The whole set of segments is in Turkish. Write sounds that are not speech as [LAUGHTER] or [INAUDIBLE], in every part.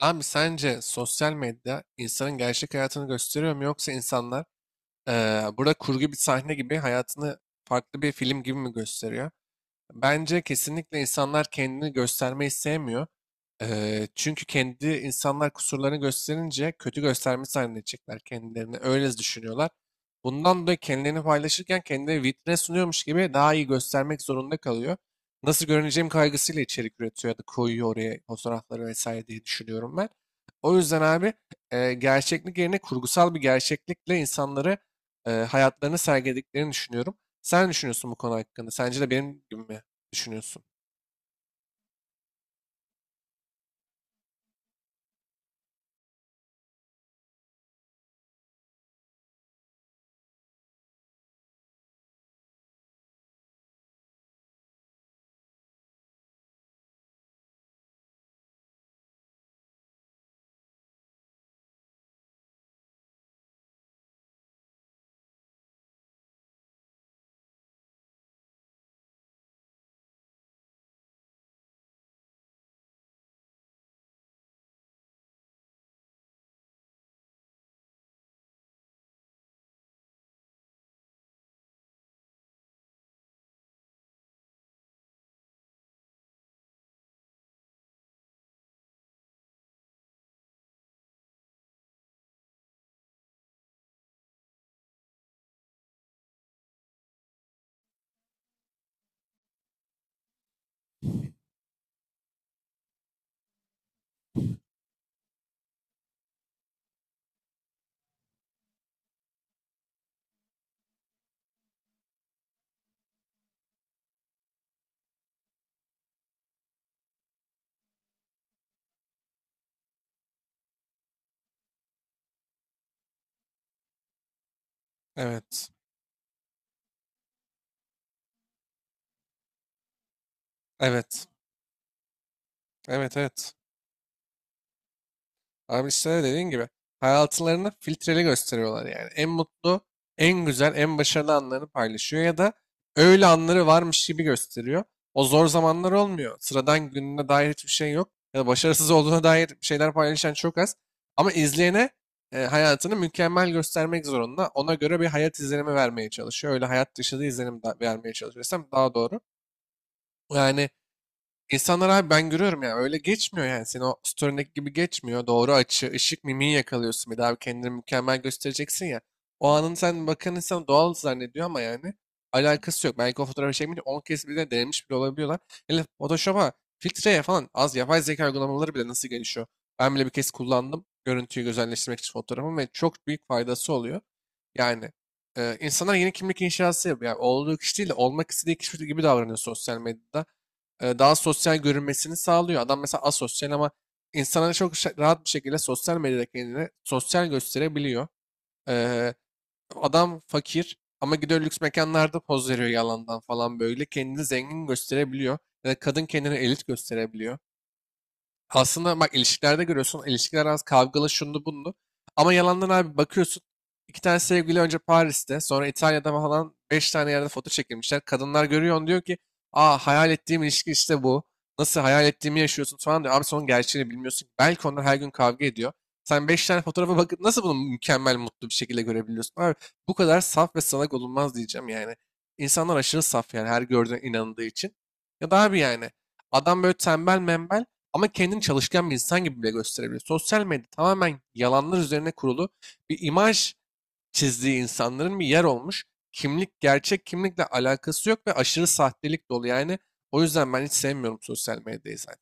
Abi sence sosyal medya insanın gerçek hayatını gösteriyor mu yoksa insanlar burada kurgu bir sahne gibi hayatını farklı bir film gibi mi gösteriyor? Bence kesinlikle insanlar kendini göstermeyi sevmiyor. Çünkü kendi insanlar kusurlarını gösterince kötü göstermiş zannedecekler kendilerini. Öyle düşünüyorlar. Bundan dolayı kendilerini paylaşırken kendini vitrine sunuyormuş gibi daha iyi göstermek zorunda kalıyor. Nasıl görüneceğim kaygısıyla içerik üretiyor ya da koyuyor oraya fotoğrafları vesaire diye düşünüyorum ben. O yüzden abi gerçeklik yerine kurgusal bir gerçeklikle insanları hayatlarını sergilediklerini düşünüyorum. Sen ne düşünüyorsun bu konu hakkında? Sence de benim gibi mi düşünüyorsun? Evet. Evet. Evet, evet. Abi işte dediğin gibi hayatlarını filtreli gösteriyorlar yani. En mutlu, en güzel, en başarılı anlarını paylaşıyor ya da öyle anları varmış gibi gösteriyor. O zor zamanlar olmuyor. Sıradan gününe dair hiçbir şey yok. Ya da başarısız olduğuna dair şeyler paylaşan çok az. Ama izleyene hayatını mükemmel göstermek zorunda. Ona göre bir hayat izlenimi vermeye çalışıyor. Öyle hayat dışı da vermeye çalışıyor desem daha doğru. Yani İnsanlar abi ben görüyorum ya öyle geçmiyor yani. Senin o story'ndeki gibi geçmiyor. Doğru açı, ışık, mimiği yakalıyorsun. Bir daha kendini mükemmel göstereceksin ya. O anın sen bakan insan doğal zannediyor ama yani alakası yok. Belki o fotoğrafı çekmeyince 10 kez bile denemiş bile olabiliyorlar. Hele Photoshop'a, filtreye falan az yapay zeka uygulamaları bile nasıl gelişiyor. Ben bile bir kez kullandım görüntüyü güzelleştirmek için fotoğrafımı ve çok büyük faydası oluyor. Yani insanlar yeni kimlik inşası yapıyor. Yani olduğu kişi değil de olmak istediği kişi gibi davranıyor sosyal medyada, daha sosyal görünmesini sağlıyor. Adam mesela asosyal ama insana çok rahat bir şekilde sosyal medyada kendini sosyal gösterebiliyor. Eee, Adam fakir ama gidiyor lüks mekanlarda poz veriyor yalandan falan böyle. Kendini zengin gösterebiliyor. Ya da kadın kendini elit gösterebiliyor. Aslında bak ilişkilerde görüyorsun. İlişkiler az kavgalı şunlu bunlu. Ama yalandan abi bakıyorsun. İki tane sevgili önce Paris'te sonra İtalya'da falan beş tane yerde foto çekilmişler. Kadınlar görüyor diyor ki aa hayal ettiğim ilişki işte bu. Nasıl hayal ettiğimi yaşıyorsun falan diyor. Abi sonun gerçeğini bilmiyorsun. Belki onlar her gün kavga ediyor. Sen beş tane fotoğrafa bakıp nasıl bunu mükemmel mutlu bir şekilde görebiliyorsun? Abi bu kadar saf ve salak olunmaz diyeceğim yani. İnsanlar aşırı saf yani her gördüğüne inandığı için. Ya da abi yani adam böyle tembel membel ama kendini çalışkan bir insan gibi bile gösterebiliyor. Sosyal medya tamamen yalanlar üzerine kurulu bir imaj çizdiği insanların bir yer olmuş. Kimlik, gerçek kimlikle alakası yok ve aşırı sahtelik dolu. Yani o yüzden ben hiç sevmiyorum sosyal medyayı zaten.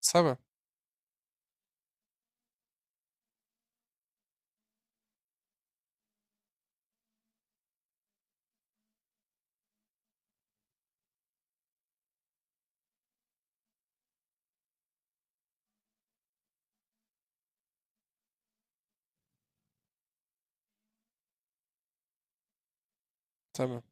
Tabii, tabii,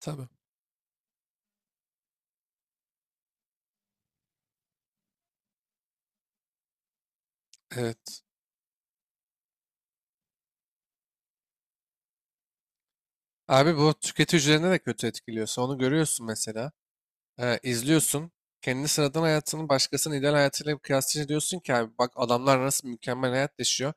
tabii. Evet. Abi bu tüketici üzerine de kötü etkiliyorsa onu görüyorsun mesela. İzliyorsun. Kendi sıradan hayatını başkasının ideal hayatıyla kıyaslayınca diyorsun ki abi bak adamlar nasıl mükemmel hayat yaşıyor.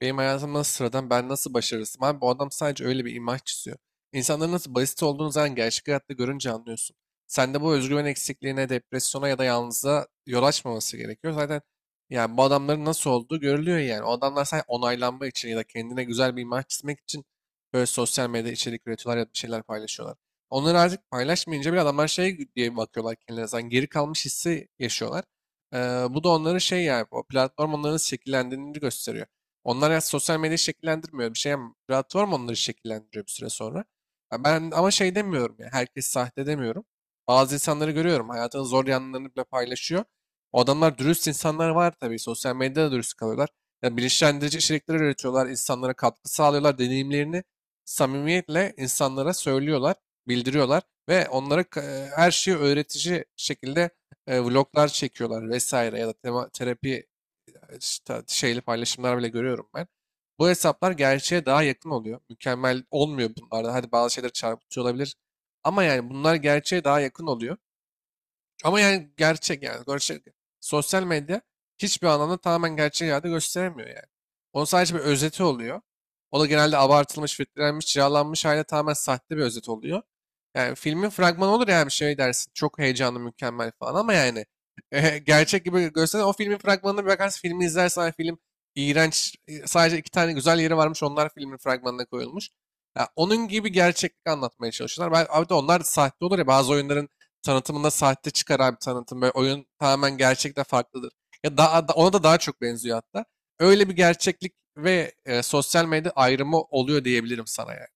Benim hayatım nasıl sıradan, ben nasıl başarısızım? Abi bu adam sadece öyle bir imaj çiziyor. İnsanların nasıl basit olduğunu zaten gerçek hayatta görünce anlıyorsun. Sende bu özgüven eksikliğine, depresyona ya da yalnızlığa yol açmaması gerekiyor. Zaten yani bu adamların nasıl olduğu görülüyor yani. O adamlar sadece onaylanma için ya da kendine güzel bir imaj çizmek için böyle sosyal medyada içerik üretiyorlar ya da bir şeyler paylaşıyorlar. Onları artık paylaşmayınca bile adamlar şey diye bakıyorlar kendilerine. Zaten geri kalmış hissi yaşıyorlar. Ee, Bu da onların şey yani o platform onların şekillendiğini gösteriyor. Onlar ya sosyal medyayı şekillendirmiyor. Platform onları şekillendiriyor bir süre sonra. Ya ben ama şey demiyorum ya. Herkes sahte demiyorum. Bazı insanları görüyorum. Hayatının zor yanlarını bile paylaşıyor. O adamlar dürüst insanlar var tabii. Sosyal medyada da dürüst kalıyorlar. Ya bilinçlendirici içerikler üretiyorlar. İnsanlara katkı sağlıyorlar. Deneyimlerini samimiyetle insanlara söylüyorlar. Bildiriyorlar. Ve onlara her şeyi öğretici şekilde vloglar çekiyorlar vesaire ya da terapi işte şeyli paylaşımlar bile görüyorum ben. Bu hesaplar gerçeğe daha yakın oluyor. Mükemmel olmuyor bunlarda. Hadi bazı şeyler çarpıtıyor olabilir. Ama yani bunlar gerçeğe daha yakın oluyor. Ama yani gerçek yani. Gerçek. Sosyal medya hiçbir anlamda tamamen gerçek hayatı gösteremiyor yani. Onun sadece bir özeti oluyor. O da genelde abartılmış, filtrelenmiş, cilalanmış haliyle tamamen sahte bir özet oluyor. Yani filmin fragmanı olur ya bir şey dersin. Çok heyecanlı, mükemmel falan ama yani [LAUGHS] gerçek gibi gösteren o filmin fragmanına bir bakarsın. Filmi izlersen hani film iğrenç. Sadece iki tane güzel yeri varmış. Onlar filmin fragmanına koyulmuş. Ya onun gibi gerçeklik anlatmaya çalışıyorlar. Ben, abi de onlar da sahte olur ya bazı oyunların tanıtımında sahte çıkaran bir tanıtım. Böyle oyun tamamen gerçekten farklıdır. Ya ona da daha çok benziyor hatta. Öyle bir gerçeklik ve sosyal medya ayrımı oluyor diyebilirim sana yani.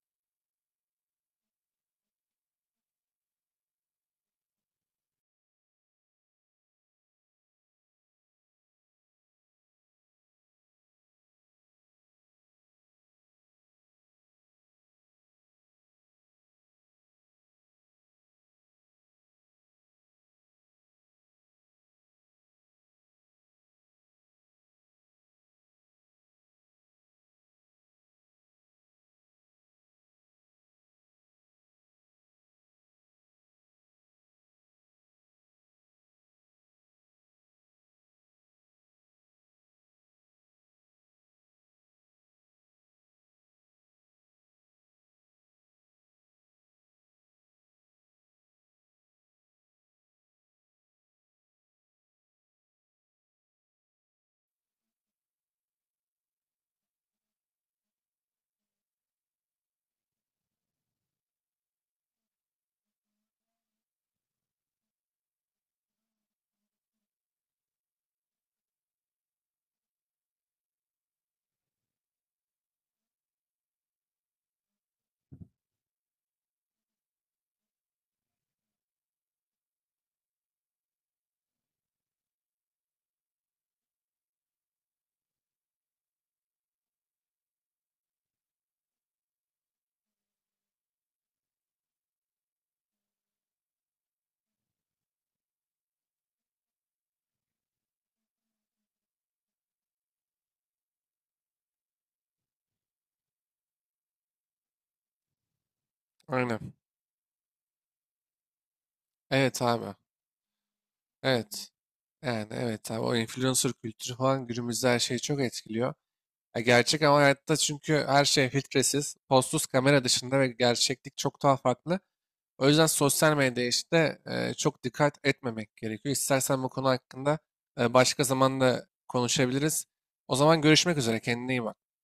Aynen. Evet abi. Evet. Yani evet abi o influencer kültürü falan günümüzde her şeyi çok etkiliyor. Ya gerçek ama hayatta çünkü her şey filtresiz, postsuz kamera dışında ve gerçeklik çok daha farklı. O yüzden sosyal medyaya işte çok dikkat etmemek gerekiyor. İstersen bu konu hakkında başka zaman da konuşabiliriz. O zaman görüşmek üzere. Kendine iyi bak.